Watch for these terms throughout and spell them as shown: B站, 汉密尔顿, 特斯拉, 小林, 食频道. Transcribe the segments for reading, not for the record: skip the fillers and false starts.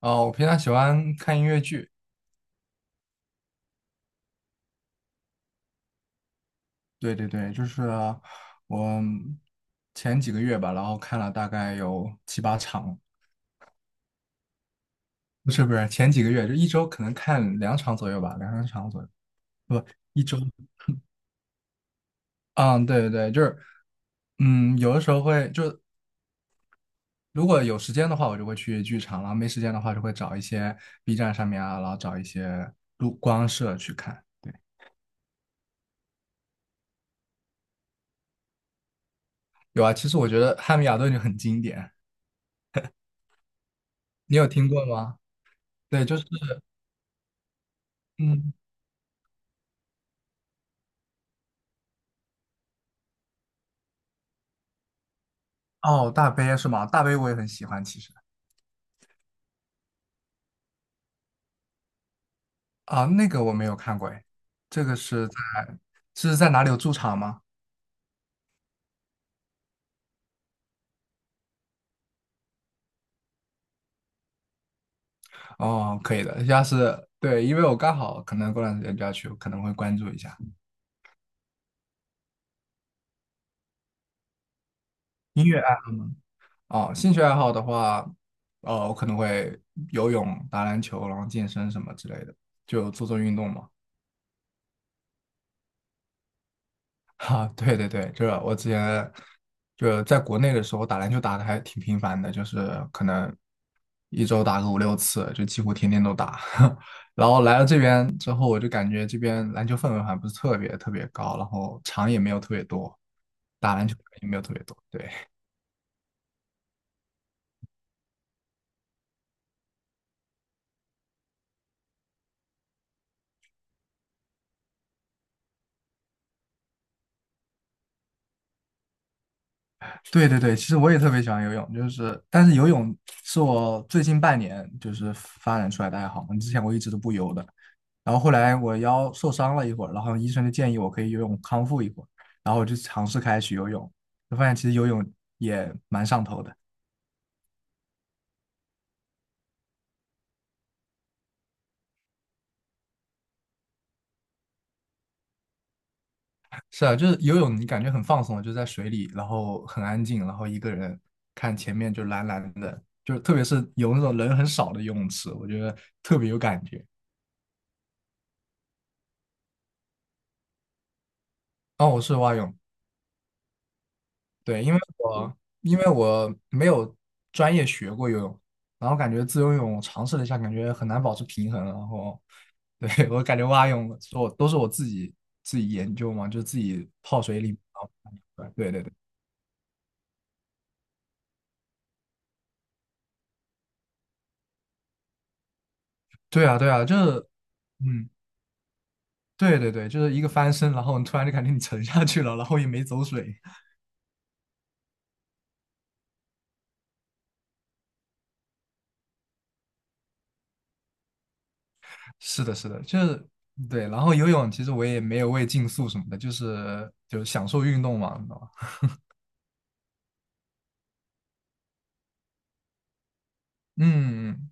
哦，我平常喜欢看音乐剧，对对对，就是我前几个月吧，然后看了大概有七八场。不是不是，前几个月就一周可能看两场左右吧，两三场左右。不，一周。嗯，对对对，就是有的时候会就是如果有时间的话，我就会去剧场，然后没时间的话就会找一些 B 站上面啊，然后找一些录光社去看。有啊，其实我觉得《汉密尔顿》就很经典，你有听过吗？对，就是。嗯。哦，大杯是吗？大杯我也很喜欢，其实。啊，那个我没有看过哎，这个是在哪里有驻场吗？哦，可以的，要是对，因为我刚好可能过段时间就要去，我可能会关注一下。音乐爱哦，兴趣爱好的话，我可能会游泳、打篮球，然后健身什么之类的，就做做运动嘛。哈，对对对，这我之前就在国内的时候打篮球打的还挺频繁的，就是可能一周打个五六次，就几乎天天都打。然后来了这边之后，我就感觉这边篮球氛围还不是特别特别高，然后场也没有特别多，打篮球的人也没有特别多，对。对对对，其实我也特别喜欢游泳，就是但是游泳是我最近半年就是发展出来的爱好嘛，之前我一直都不游的，然后后来我腰受伤了一会儿，然后医生就建议我可以游泳康复一会儿，然后我就尝试开始去游泳，就发现其实游泳也蛮上头的。是啊，就是游泳你感觉很放松，就在水里，然后很安静，然后一个人看前面就蓝蓝的，就是特别是有那种人很少的游泳池，我觉得特别有感觉。哦，我是蛙泳。对，因为我没有专业学过游泳，然后感觉自由游泳尝试了一下，感觉很难保持平衡，然后对。 我感觉蛙泳都是我自己研究嘛，就自己泡水里，然后对对对，对啊对啊，就是嗯对对对，就是一个翻身，然后你突然就感觉你沉下去了，然后也没走水，是的，是的，就是对。然后游泳其实我也没有为竞速什么的，就是享受运动嘛。嗯，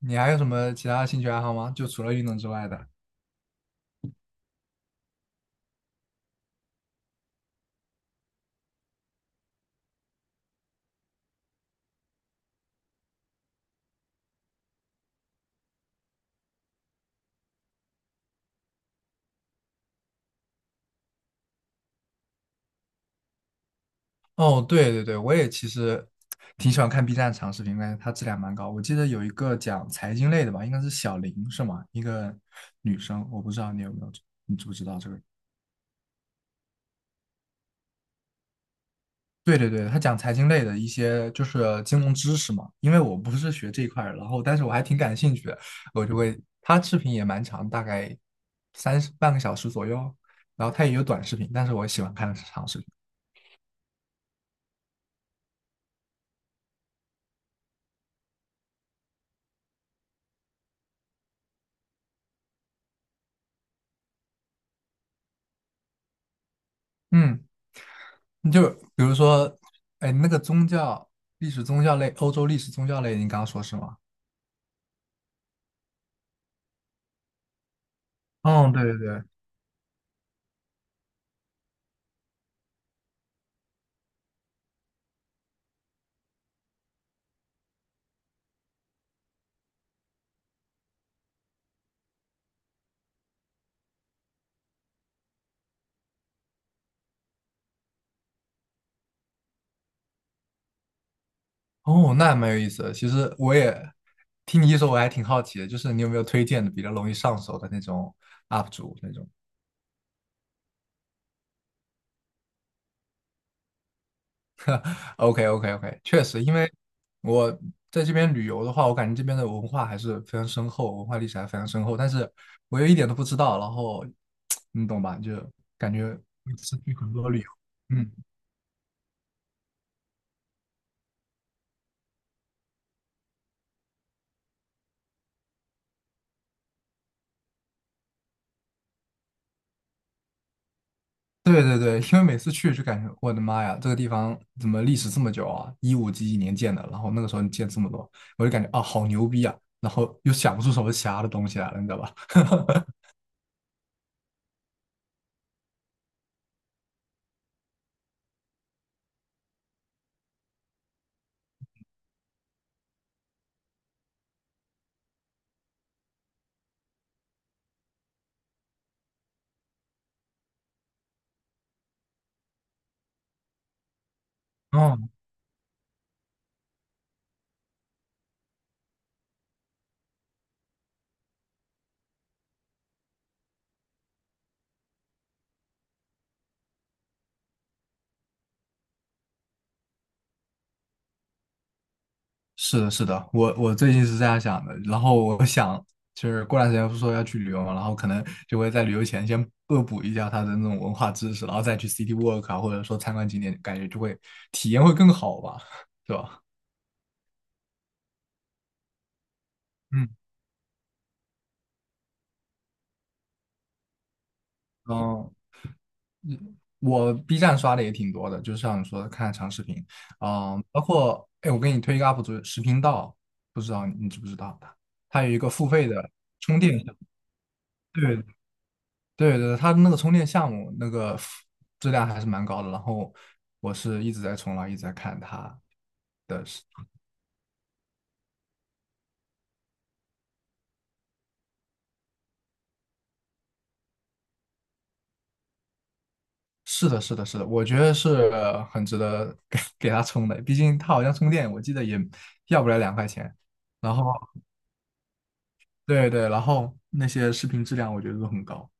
你还有什么其他兴趣爱好吗？就除了运动之外的？哦，对对对，我也其实挺喜欢看 B 站长视频，感觉它质量蛮高。我记得有一个讲财经类的吧，应该是小林是吗？一个女生，我不知道你有没有，你知不知道这个人。对对对，他讲财经类的一些就是金融知识嘛，因为我不是学这一块儿，然后但是我还挺感兴趣的，我就会，他视频也蛮长，大概三十半个小时左右，然后他也有短视频，但是我喜欢看长视频。嗯。你就比如说，哎，那个宗教历史宗教类，欧洲历史宗教类，你刚刚说是吗？嗯，对对对。哦，那还蛮有意思的。其实我也听你一说，我还挺好奇的，就是你有没有推荐的比较容易上手的那种 UP 主那种？OK OK OK，确实，因为我在这边旅游的话，我感觉这边的文化还是非常深厚，文化历史还非常深厚，但是我又一点都不知道，然后 你懂吧？就感觉会失去很多旅游。嗯。对对对，因为每次去就感觉我的妈呀，这个地方怎么历史这么久啊？一五几几年建的，然后那个时候建这么多，我就感觉啊好牛逼啊，然后又想不出什么其他的东西来了，你知道吧？嗯，是的，是的，我最近是这样想的，然后我想就是过段时间不是说要去旅游嘛，然后可能就会在旅游前先恶补一下他的那种文化知识，然后再去 city walk 啊，或者说参观景点，感觉就会体验会更好吧，是吧？嗯。哦，我 B 站刷的也挺多的，就是像你说的看长视频。嗯，包括哎，我给你推一个 UP 主，食频道，不知道你知不知道他？他有一个付费的充电项目，对对对，他那个充电项目那个质量还是蛮高的。然后我是一直在冲浪，一直在看他的视，是是的，是的，是的，我觉得是很值得给他充的，毕竟他好像充电，我记得也要不了2块钱。然后对对，然后那些视频质量我觉得都很高。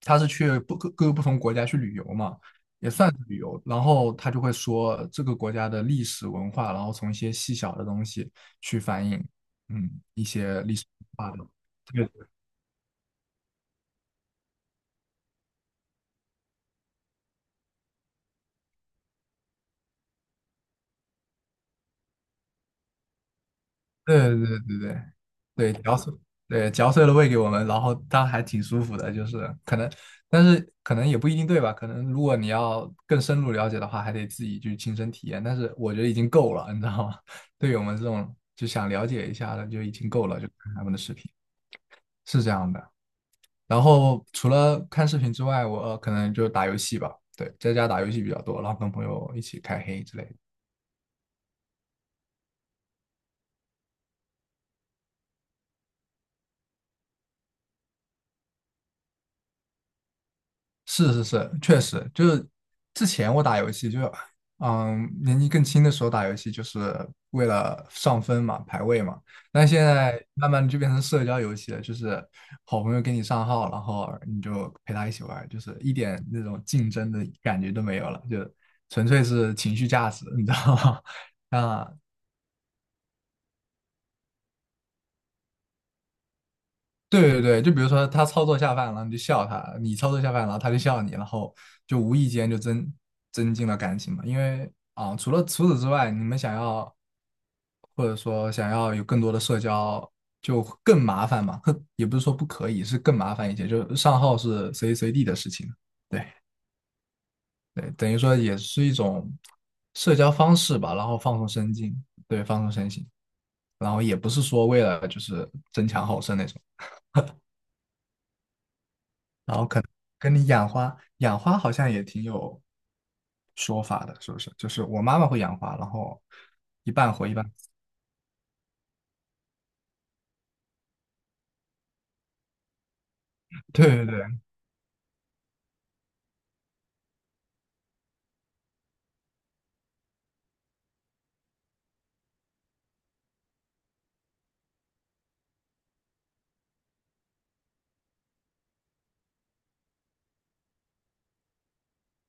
他是去不各各个不同国家去旅游嘛，也算是旅游。然后他就会说这个国家的历史文化，然后从一些细小的东西去反映，一些历史文化的。对对对对对，对，嚼碎，对，嚼碎了喂给我们，然后当然还挺舒服的，就是可能，但是可能也不一定对吧？可能如果你要更深入了解的话，还得自己去亲身体验。但是我觉得已经够了，你知道吗？对于我们这种就想了解一下的，就已经够了，就看他们的视频是这样的。然后除了看视频之外，我可能就打游戏吧，对，在家打游戏比较多，然后跟朋友一起开黑之类的。是是是，确实就是之前我打游戏就是，年纪更轻的时候打游戏就是为了上分嘛，排位嘛。但现在慢慢的就变成社交游戏了，就是好朋友给你上号，然后你就陪他一起玩儿就是一点那种竞争的感觉都没有了，就纯粹是情绪价值，你知道吗？啊，对对对，就比如说他操作下饭了，你就笑他；你操作下饭了，他就笑你，然后就无意间就增进了感情嘛。因为啊，除此之外，你们想要或者说想要有更多的社交，就更麻烦嘛。哼也不是说不可以，是更麻烦一些。就是上号是随时随地的事情，对对，等于说也是一种社交方式吧，然后放松身心，对，放松身心，然后也不是说为了就是争强好胜那种。然后可能跟你养花，养花好像也挺有说法的，是不是？就是我妈妈会养花，然后一半活一半死。 对对对，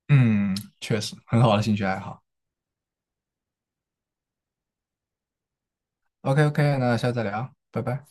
嗯，确实很好的兴趣爱好。OK OK，那下次再聊，拜拜。